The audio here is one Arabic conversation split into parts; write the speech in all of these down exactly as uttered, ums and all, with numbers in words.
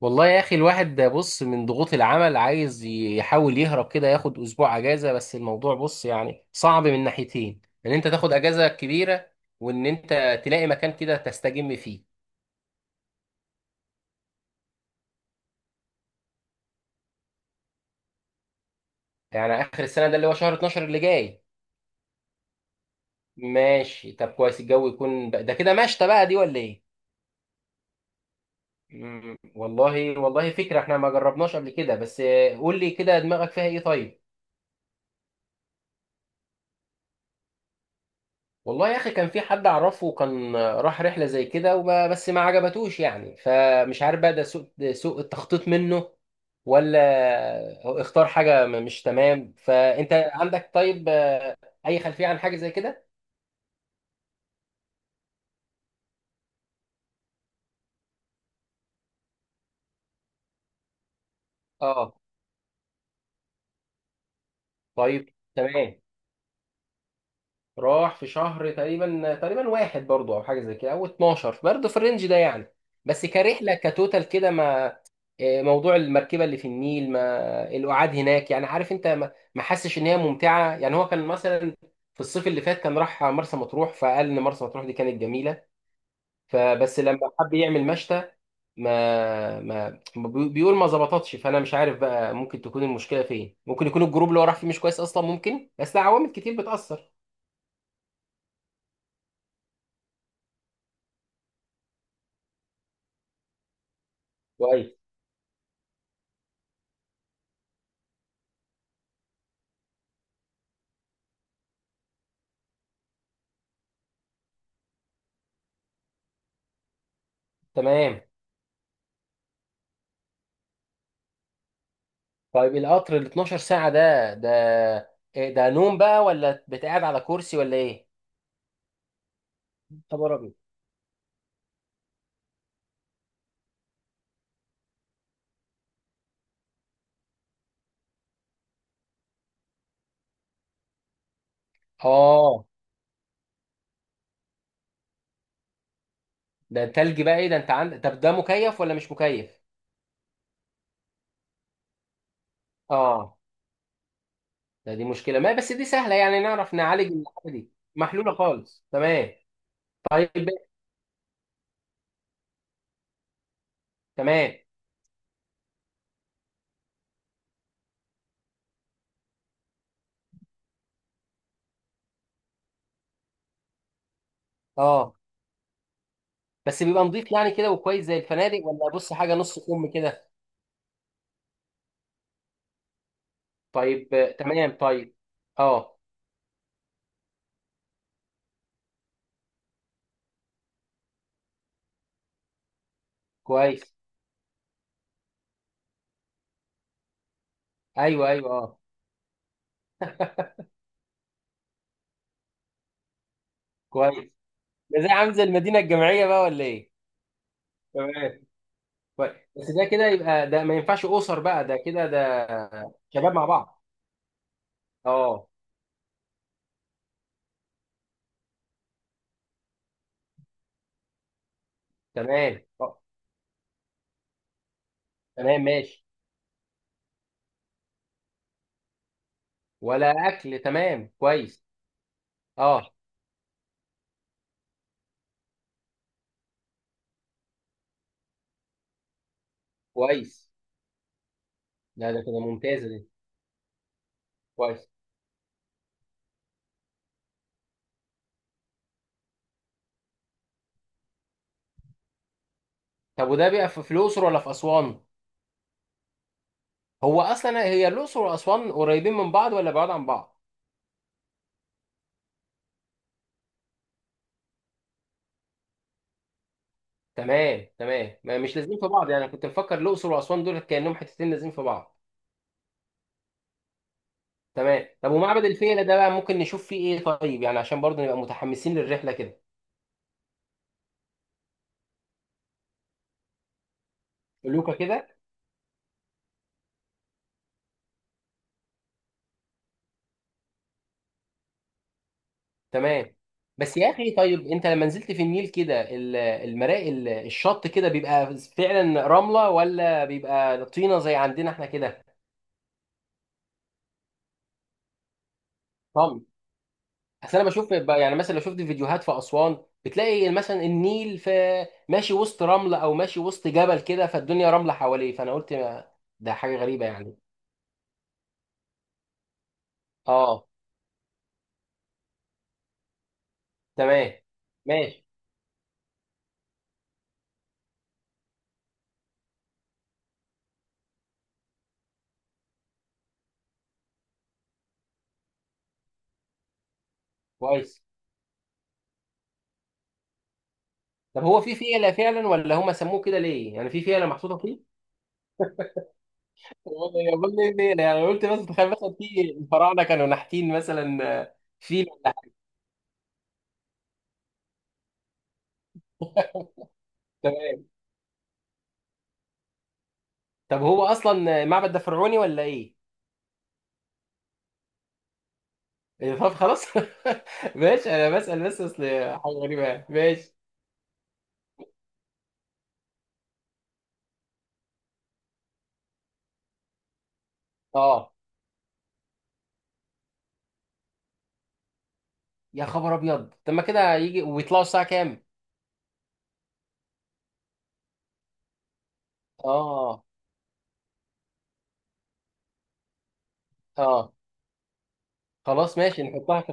والله يا اخي، الواحد ده بص من ضغوط العمل عايز يحاول يهرب كده ياخد اسبوع اجازه. بس الموضوع بص يعني صعب من ناحيتين، ان انت تاخد اجازه كبيره وان انت تلاقي مكان كده تستجم فيه. يعني اخر السنه ده اللي هو شهر اتناشر اللي جاي. ماشي طب كويس، الجو يكون بقى ده كده مشتى بقى دي ولا ايه؟ مم، والله والله فكره، احنا ما جربناش قبل كده. بس آه، قول لي كده دماغك فيها ايه طيب. والله يا اخي كان في حد اعرفه كان راح رحله زي كده وما بس ما عجبتوش يعني، فمش عارف بقى ده سوء ده سوء التخطيط منه، ولا هو اختار حاجه م- مش تمام. فانت عندك طيب آه، اي خلفيه عن حاجه زي كده؟ اه. طيب تمام. راح في شهر تقريبا تقريبا واحد برضو او حاجه زي كده او اتناشر برضو في الرينج ده يعني. بس كرحله كتوتال كده ما... إيه، موضوع المركبه اللي في النيل، ما القعاد هناك يعني، عارف انت ما ما حسش ان هي ممتعه يعني؟ هو كان مثلا في الصيف اللي فات كان راح مرسى مطروح فقال ان مرسى مطروح دي كانت جميله، فبس لما حب يعمل مشتى ما ما بي- بيقول ما ظبطتش، فانا مش عارف بقى ممكن تكون المشكله فين، ممكن يكون الجروب اللي هو راح فيه مش كويس اصلا، ممكن بس ده عوامل كتير بتاثر. تمام. طيب القطر ال اتناشر ساعة ده ده إيه، ده نوم بقى ولا بتقعد على كرسي ولا ايه؟ خبر ابيض. اه. ده تلج بقى ايه ده، انت عندك طب ده مكيف ولا مش مكيف؟ اه. ده دي مشكلة ما بس دي سهلة يعني، نعرف نعالج الحاجة دي. محلولة خالص تمام. طيب تمام اه. بس بيبقى نظيف يعني كده وكويس زي الفنادق، ولا بص حاجة نص كم كده؟ طيب آه، تمام طيب. اه. كويس. ايوه ايوه اه. كويس. ده زي عامل زي المدينة الجامعية بقى ولا ايه؟ تمام. كويس. بس ده كده يبقى ده ما ينفعش اسر بقى، ده كده ده. شباب مع بعض اه. تمام اه. تمام ماشي. ولا اكل تمام كويس. اه. كويس. لا، ده كده ممتازه دي. كويس. طب وده بيبقى في في الاقصر ولا في اسوان؟ هو اصلا هي الاقصر واسوان قريبين من بعض ولا بعاد عن بعض؟ تمام تمام، ما مش لازمين في بعض يعني، أنا كنت مفكر الاقصر واسوان دول كانهم حتتين لازمين في بعض. تمام. طب ومعبد الفيلة ده بقى ممكن نشوف فيه ايه طيب يعني، عشان برضه نبقى متحمسين للرحله كده؟ لوكا كده. تمام. بس يا اخي طيب انت لما نزلت في النيل كده، ال- المراء ال- الشط كده بيبقى فعلا رمله ولا بيبقى طينه زي عندنا احنا كده؟ طم. اصل انا بشوف ب- يعني مثلا لو شفت فيديوهات في اسوان، بتلاقي مثلا النيل في ماشي وسط رمله او ماشي وسط جبل كده فالدنيا رمله حواليه، فانا قلت ما- ده حاجه غريبه يعني. اه. تمام ماشي. كويس. طب هو في فيله فعلا ولا هم سموه كده ليه يعني، في فيله محطوطه فيه؟ هي كل الليلة يعني، أنا قلت مثلا تخيل مثلا في الفراعنة كانوا نحتين مثلا آه، فيل ولا حاجه. تمام. طب هو اصلا المعبد ده فرعوني ولا ايه؟ إيه، طب خلاص. ماشي انا بسأل بس اصل حاجه غريبه يعني. ماشي. اه. يا خبر ابيض. طب ما كده يجي ويطلعوا الساعه كام؟ اه. اه. خلاص ماشي نحطها في...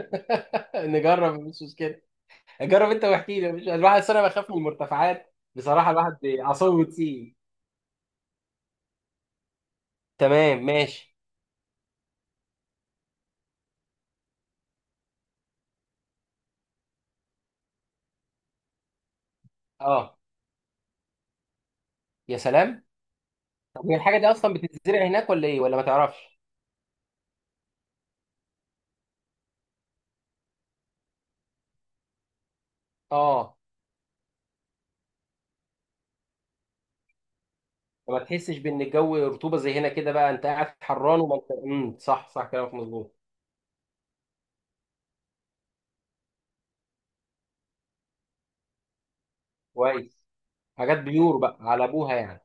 نجرب مش مشكله. جرب انت واحكي لي مش الواحد، أصل انا بخاف من المرتفعات بصراحه، الواحد اعصابه بتسيب. تمام ماشي. اه. يا سلام. طب هي الحاجه دي اصلا بتتزرع هناك ولا ايه، ولا ما تعرفش؟ اه. فما تحسش بان الجو رطوبه زي هنا كده، بقى انت قاعد حران وما انت امم صح صح كلامك مظبوط. كويس. حاجات بيور بقى على ابوها يعني.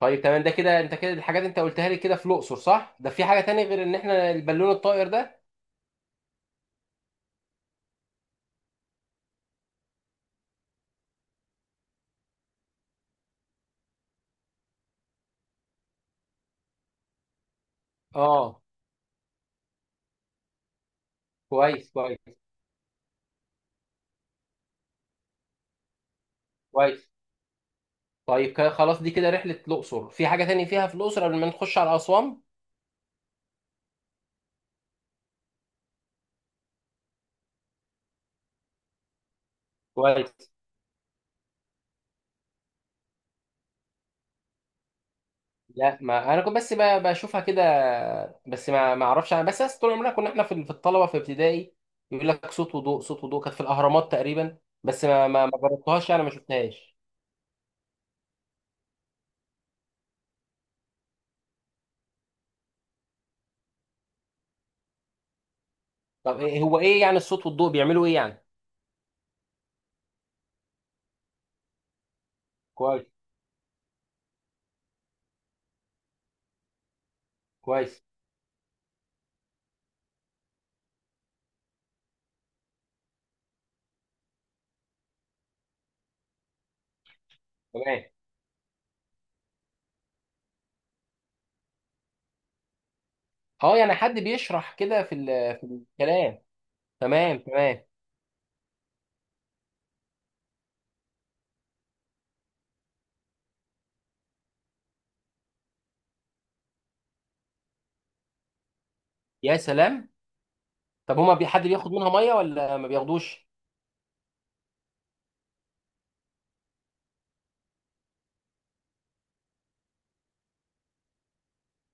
طيب تمام، ده كده انت كده الحاجات انت قلتها لي كده في الاقصر صح، ده في حاجه تانية غير ان احنا البالون الطائر ده؟ اه. كويس كويس كويس. طيب كده خلاص، دي كده رحله الاقصر، في حاجه تانية فيها في الاقصر قبل ما نخش على اسوان؟ كويس. لا، ما انا كنت بس ب- بشوفها كده، بس ما ما اعرفش انا بس، أصل طول عمرنا كنا احنا في في الطلبه في ابتدائي يقول لك صوت وضوء صوت وضوء، كانت في الاهرامات تقريبا، بس ما ما ما جربتهاش يعني، ما شفتهاش. طب إيه هو ايه يعني الصوت والضوء بيعملوا ايه يعني؟ كويس. كويس. تمام اه. يعني حد بيشرح كده في ال- في الكلام؟ تمام تمام. يا سلام. طب هما بي- حد بياخد منها ميه ولا ما بياخدوش؟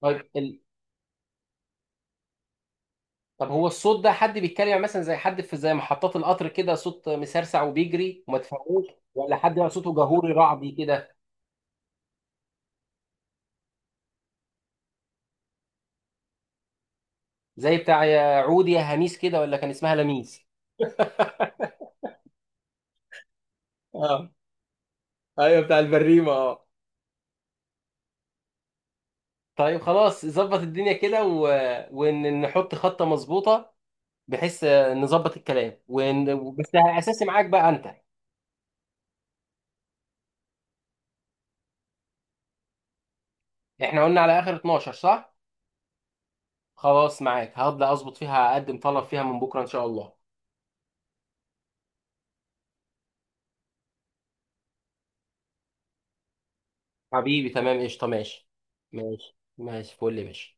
طيب. طب هو الصوت ده حد بيتكلم يعني مثلا زي حد في زي محطات القطر كده صوت مسرسع وبيجري وما تفهموش، ولا حد بقى صوته جهوري رعبي كده؟ زي بتاع يا عودي يا هميس كده، ولا كان اسمها لميس؟ اه. ايوه بتاع البريمه اه. طيب خلاص، ظبط الدنيا كده و... ونحط خطة مظبوطة بحيث آه، نظبط الكلام ون... بس اساسي معاك بقى انت. احنا قلنا على اخر اتناشر صح؟ خلاص معاك، هبدأ اظبط فيها، اقدم طلب فيها من بكرة ان شاء الله. حبيبي تمام قشطة ماشي. ماشي ماشي فل يا باشا.